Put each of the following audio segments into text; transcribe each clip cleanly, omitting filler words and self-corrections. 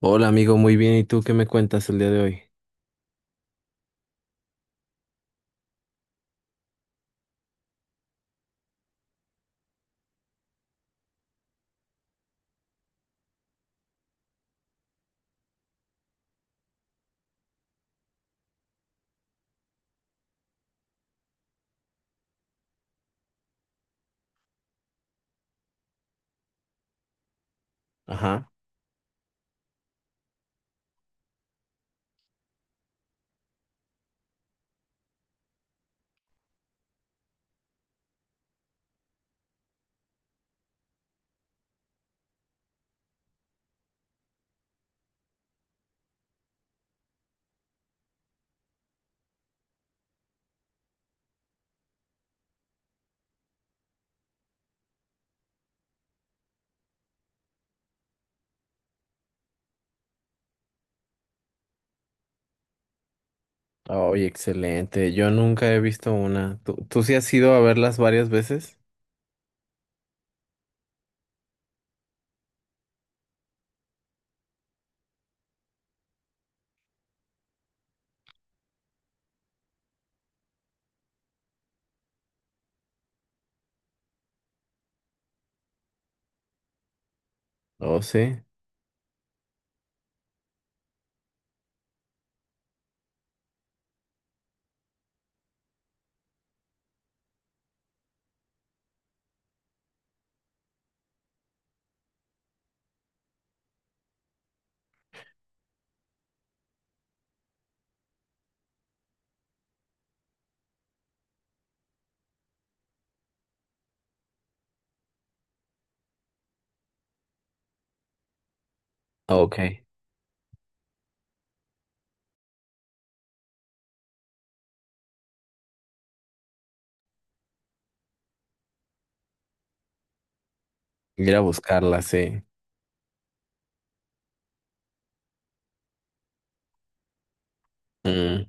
Hola amigo, muy bien. ¿Y tú qué me cuentas el día de hoy? Ajá. Oye, excelente. Yo nunca he visto una. ¿Tú sí has ido a verlas varias veces? Oh, sí. Ok. Ir a buscarlas, sí. Mm,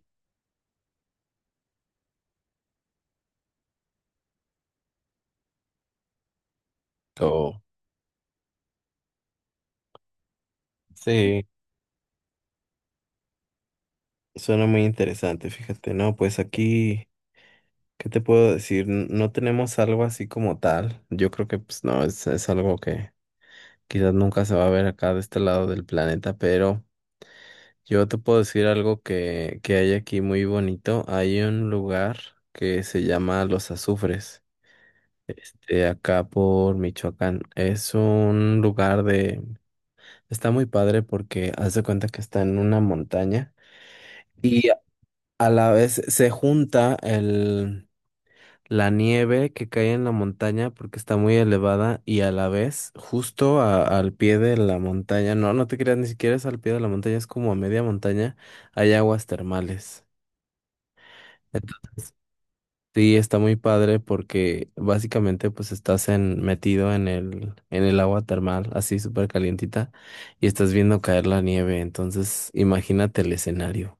oh. Sí, suena muy interesante, fíjate. No, pues aquí, ¿qué te puedo decir? N- No tenemos algo así como tal. Yo creo que pues no, es algo que quizás nunca se va a ver acá de este lado del planeta, pero... Yo te puedo decir algo que hay aquí muy bonito. Hay un lugar que se llama Los Azufres, de acá por Michoacán. Es un lugar de... Está muy padre porque haz de cuenta que está en una montaña y a la vez se junta la nieve que cae en la montaña porque está muy elevada y a la vez justo al pie de la montaña, no, no te creas, ni siquiera es al pie de la montaña, es como a media montaña, hay aguas termales. Entonces, sí, está muy padre porque básicamente pues metido en el agua termal, así súper calientita, y estás viendo caer la nieve. Entonces, imagínate el escenario.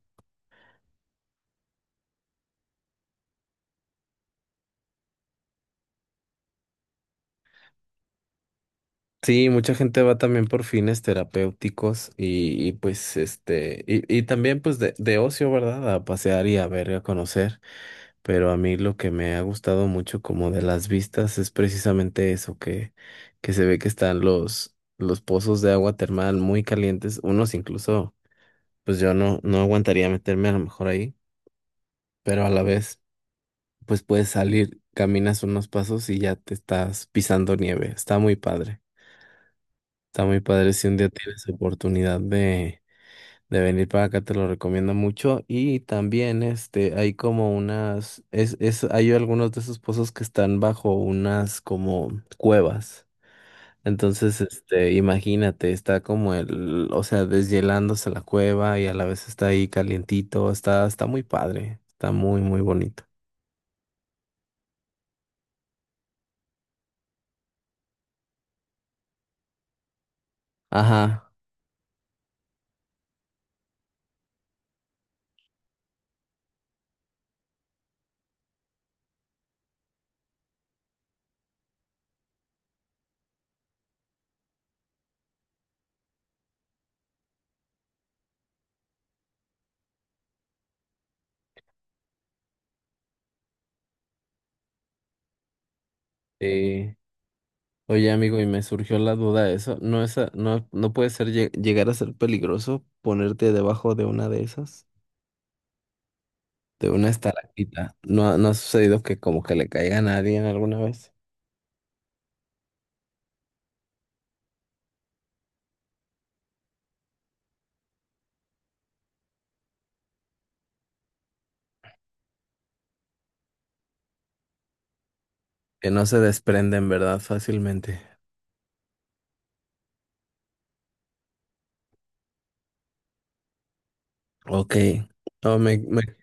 Sí, mucha gente va también por fines terapéuticos pues este, y también pues de ocio, ¿verdad? A pasear y a ver, a conocer. Pero a mí lo que me ha gustado mucho como de las vistas es precisamente eso, que se ve que están los pozos de agua termal muy calientes, unos incluso, pues yo no aguantaría meterme a lo mejor ahí, pero a la vez, pues puedes salir, caminas unos pasos y ya te estás pisando nieve. Está muy padre si un día tienes oportunidad de venir para acá, te lo recomiendo mucho. Y también, este, hay como hay algunos de esos pozos que están bajo unas como cuevas. Entonces, este, imagínate, está como o sea, deshielándose la cueva y a la vez está ahí calientito, está muy padre, muy bonito. Ajá. eh, Oye, amigo, y me surgió la duda de eso. ¿No no puede ser llegar a ser peligroso ponerte debajo de una de esas? De una estalactita. ¿No, no ha sucedido que como que le caiga a nadie alguna vez? Que no se desprenden, ¿verdad? Fácilmente. Ok. No,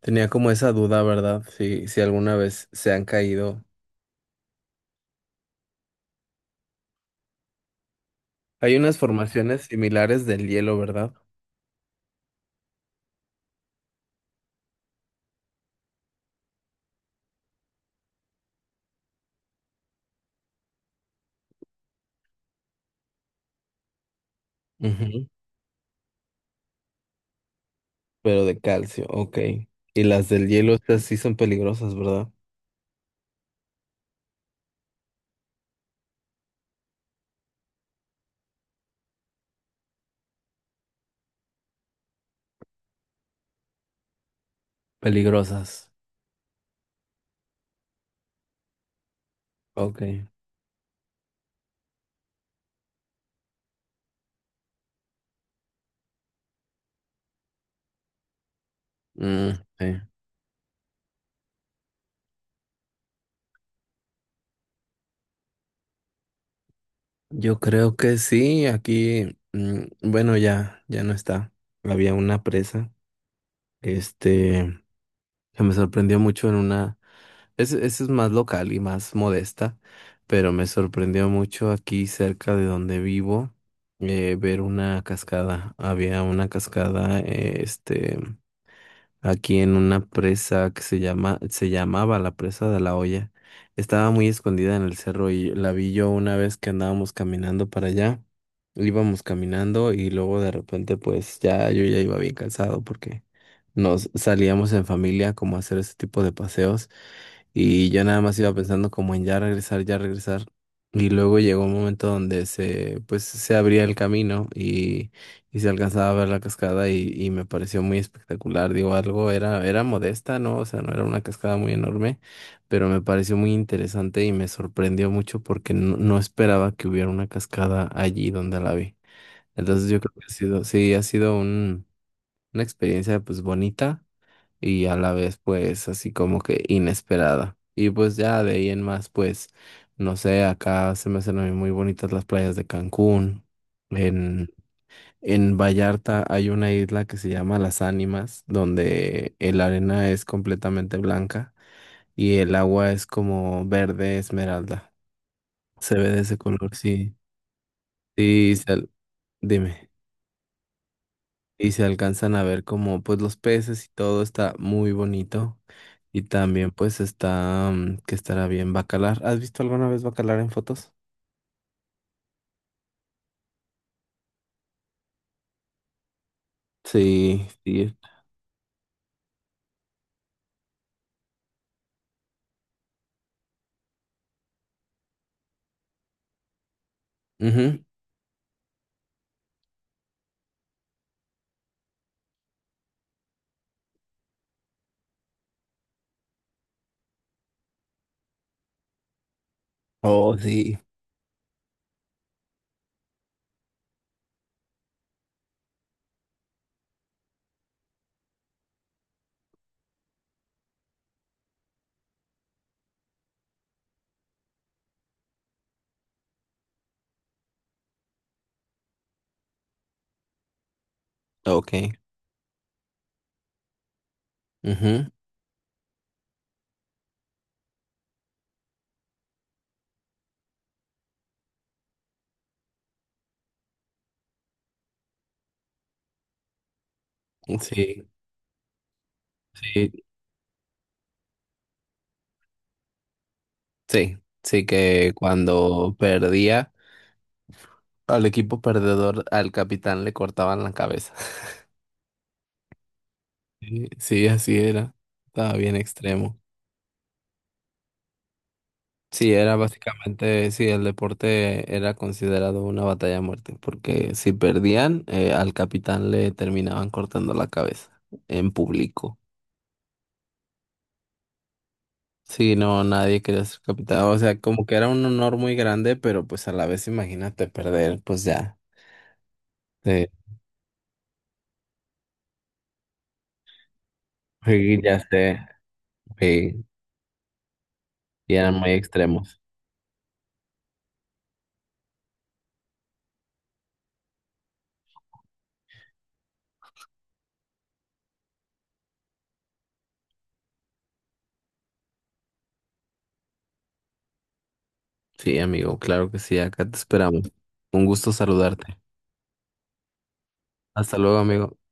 tenía como esa duda, ¿verdad? Si, si alguna vez se han caído. Hay unas formaciones similares del hielo, ¿verdad? Ujú. Pero de calcio, ok. Y las del hielo, estas sí son peligrosas, ¿verdad? Peligrosas. Ok. Mm, sí. Yo creo que sí, aquí, mm, bueno, ya no está. Había una presa. Este, que me sorprendió mucho en una, esa es más local y más modesta, pero me sorprendió mucho aquí cerca de donde vivo ver una cascada. Había una cascada, este aquí en una presa se llamaba la presa de la olla. Estaba muy escondida en el cerro y la vi yo una vez que andábamos caminando para allá. Íbamos caminando y luego de repente pues ya yo ya iba bien cansado porque nos salíamos en familia como a hacer ese tipo de paseos y yo nada más iba pensando como en ya regresar, ya regresar. Y luego llegó un momento donde se pues se abría el camino y se alcanzaba a ver la cascada y me pareció muy espectacular. Digo, algo era, era modesta, ¿no? O sea, no era una cascada muy enorme, pero me pareció muy interesante y me sorprendió mucho porque no, no esperaba que hubiera una cascada allí donde la vi. Entonces yo creo que ha sido, sí, ha sido una experiencia pues bonita y a la vez pues así como que inesperada. Y pues ya de ahí en más pues, no sé, acá se me hacen a mí muy bonitas las playas de Cancún. En Vallarta hay una isla que se llama Las Ánimas, donde la arena es completamente blanca y el agua es como verde esmeralda. Se ve de ese color, sí. Sí, dime. Y se alcanzan a ver como pues los peces y todo está muy bonito. Y también pues está mm, que estará bien Bacalar. ¿Has visto alguna vez Bacalar en fotos? Sí, sí. Ujú. Oh, sí. Ok. Ujú. Sí, sí. Sí, sí que cuando perdía al equipo perdedor, al capitán le cortaban la cabeza. Sí, sí, así era. Estaba bien extremo. Sí, era básicamente, sí, el deporte era considerado una batalla a muerte, porque si perdían, al capitán le terminaban cortando la cabeza en público. Sí, no, nadie quería ser capitán. O sea, como que era un honor muy grande, pero pues a la vez imagínate perder, pues ya. Sí, sí, ya sé. Sí. Y eran muy extremos. Sí, amigo, claro que sí, acá te esperamos. Un gusto saludarte. Hasta luego, amigo.